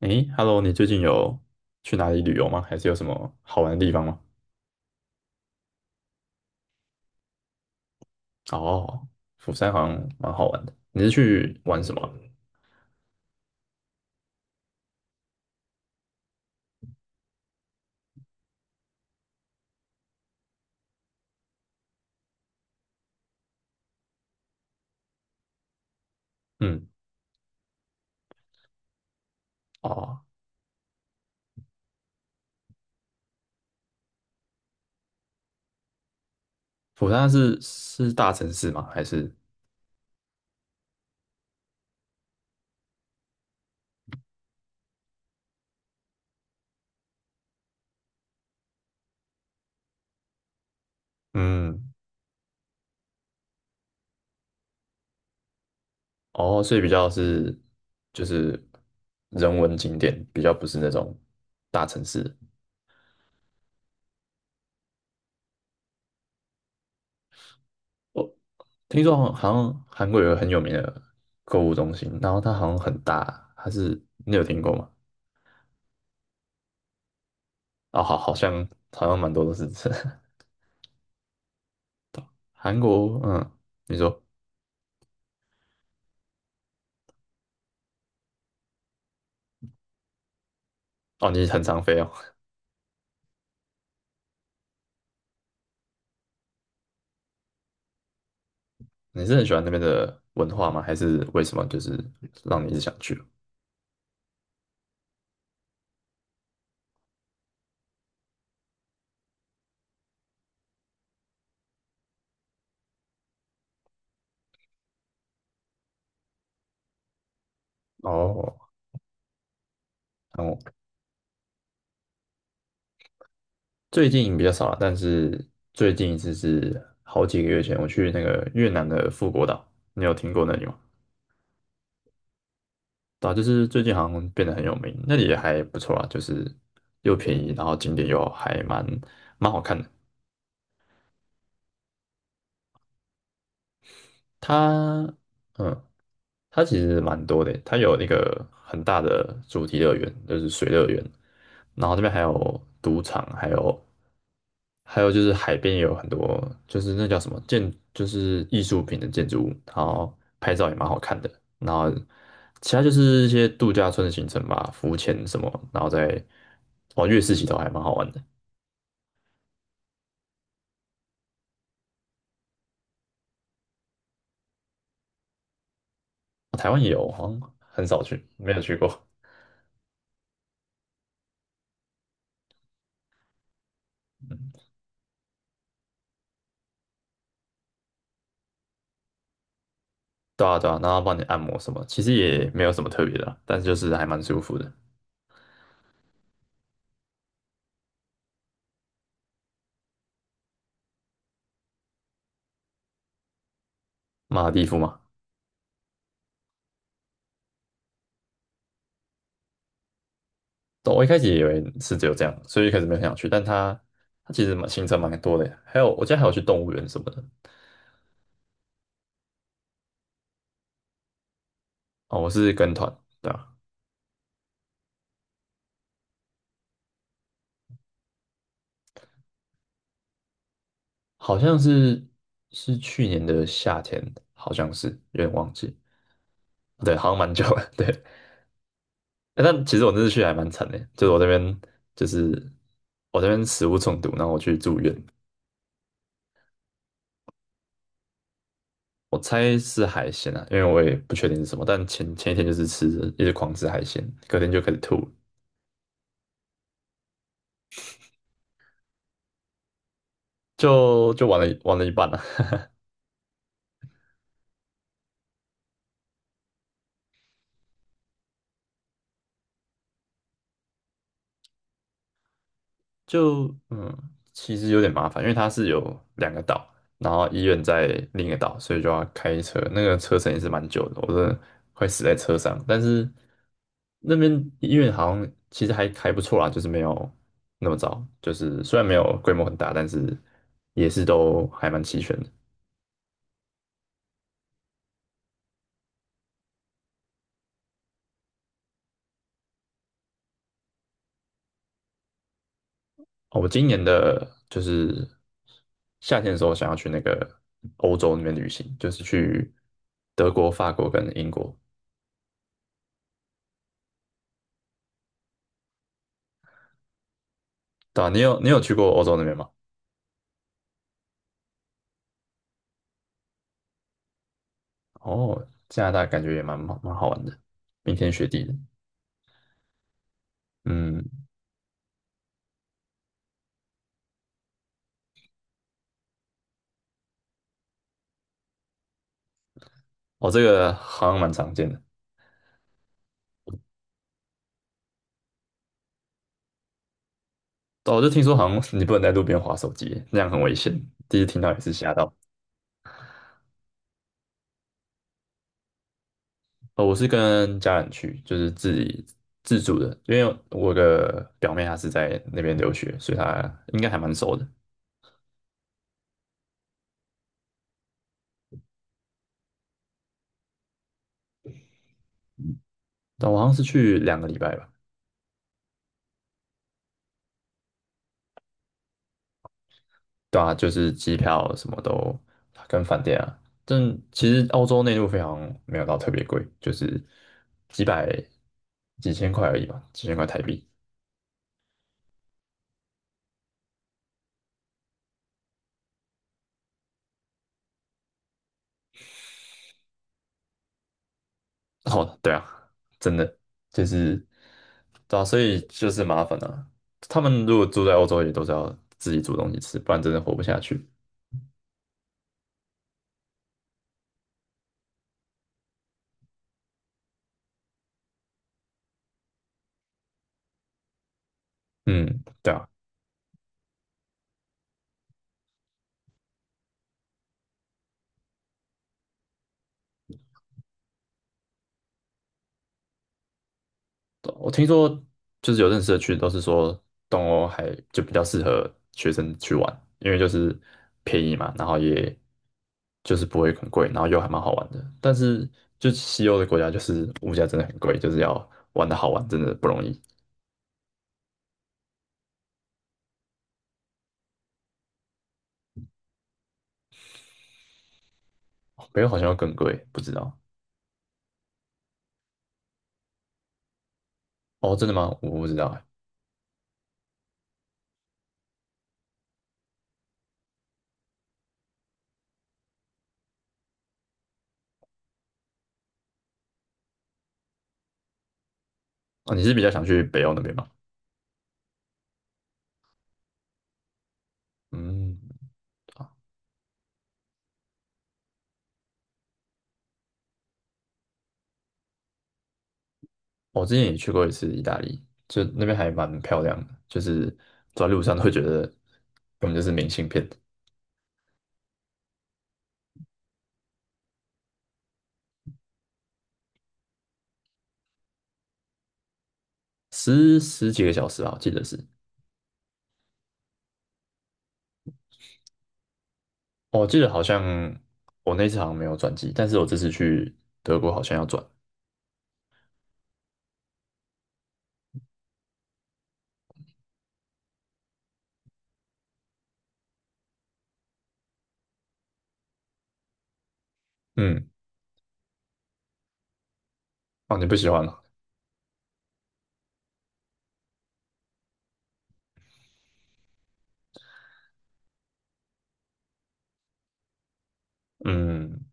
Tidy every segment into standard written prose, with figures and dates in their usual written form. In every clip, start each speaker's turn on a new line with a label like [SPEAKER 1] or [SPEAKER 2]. [SPEAKER 1] 诶，Hello，你最近有去哪里旅游吗？还是有什么好玩的地方吗？哦，釜山好像蛮好玩的。你是去玩什么？嗯。哦，釜山是大城市吗？还是嗯，哦，所以比较是就是人文景点，比较不是那种大城市。我听说好像韩国有个很有名的购物中心，然后它好像很大，还是你有听过吗？哦，好，好像蛮多都是这。韩国，嗯。你说，哦，你很常飞哦。你是很喜欢那边的文化吗？还是为什么就是让你一直想去？哦。哦，最近比较少了，但是最近一次是好几个月前，我去那个越南的富国岛，你有听过那里吗？对啊，就是最近好像变得很有名，那里也还不错啊，就是又便宜，然后景点又还蛮好看的。它，嗯，它其实蛮多的，它有那个很大的主题乐园，就是水乐园，然后这边还有赌场，还有就是海边也有很多，就是那叫什么建，就是艺术品的建筑物，然后拍照也蛮好看的。然后其他就是一些度假村的行程吧，浮潜什么，然后再哦月式洗头还蛮好玩的。台湾也有，好像很少去，没有去过。嗯。对啊对啊，然后帮你按摩什么，其实也没有什么特别的啊但是就是还蛮舒服的。马尔地夫嘛。对我一开始以为是只有这样，所以一开始没有很想去，但它其实蛮行程蛮多的耶还有我记得还有去动物园什么的。哦，我是跟团，对吧？好像是去年的夏天，好像是有点忘记。对，好像蛮久了。对。欸但其实我那次去还蛮惨的，就是我这边食物中毒，然后我去住院。我猜是海鲜啊，因为我也不确定是什么，但前一天就是吃，一直狂吃海鲜，隔天就开始吐了就就玩了一玩了一半了、就嗯，其实有点麻烦，因为它是有两个岛，然后医院在另一个岛，所以就要开车，那个车程也是蛮久的，我真的快死在车上。但是那边医院好像其实还不错啦，就是没有那么糟，就是虽然没有规模很大，但是也是都还蛮齐全的。哦，我今年的就是夏天的时候想要去那个欧洲那边旅行，就是去德国、法国跟英国。对啊，你有去过欧洲那边吗？哦，加拿大感觉也蛮好玩的，冰天雪地的。嗯。哦，这个好像蛮常见的。哦，我就听说好像你不能在路边滑手机，那样很危险。第一次听到也是吓到。哦，我是跟家人去，就是自己自助的，因为我的表妹她是在那边留学，所以她应该还蛮熟的。但我好像是去两个礼拜吧。对啊，就是机票什么都跟饭店啊，但其实澳洲内陆非常没有到特别贵，就是几百几千块而已吧，几千块台币。哦，对啊，真的就是对啊，所以就是麻烦啊。他们如果住在欧洲，也都是要自己煮东西吃，不然真的活不下去。嗯，对啊。对啊我听说就是有认识的去都是说东欧还就比较适合学生去玩，因为就是便宜嘛，然后也就是不会很贵，然后又还蛮好玩的。但是就西欧的国家就是物价真的很贵，就是要玩的好玩真的不容易。哦北欧好像要更贵，不知道。哦，真的吗？我不知道哎。哦，你是比较想去北欧那边吗？嗯。我之前也去过一次意大利，就那边还蛮漂亮的，就是走在路上都会觉得根本就是明信片。十几个小时啊，我记得是。哦我记得好像我那次好像没有转机，但是我这次去德国好像要转。嗯。哦，你不喜欢吗？嗯。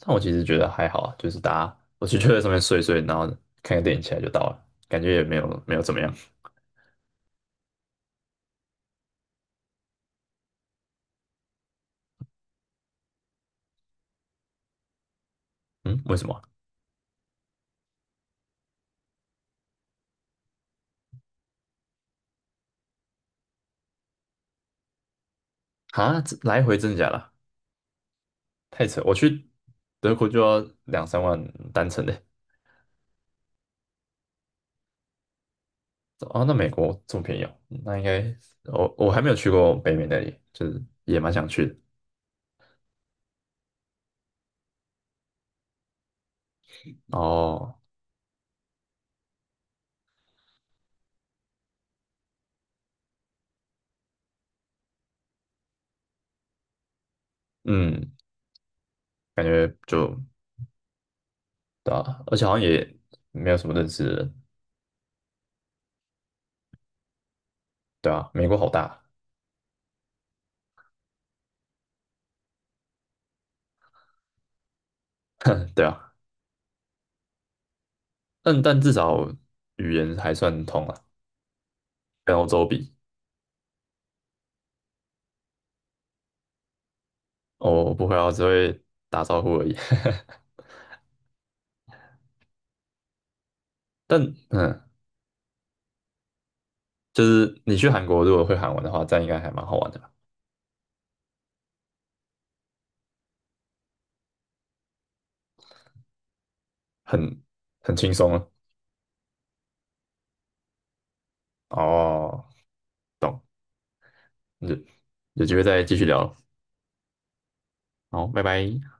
[SPEAKER 1] 但我其实觉得还好啊，就是大家，我就 就在上面睡一睡，然后看个电影起来就到了，感觉也没有没有怎么样。嗯，为什么？啊？啊这来回真的假的？太扯，我去德国就要两三万单程的。哦，那美国这么便宜哦？那应该我还没有去过北美那里，就是也蛮想去的。哦。嗯，感觉就对啊，而且好像也没有什么认识的人。对啊，美国好大。对啊，但至少语言还算通啊，跟欧洲比。我不会啊，我只会打招呼而已。但嗯，就是你去韩国如果会韩文的话，这样应该还蛮好玩的吧，很很轻松啊。哦，有有机会再继续聊。好，拜拜。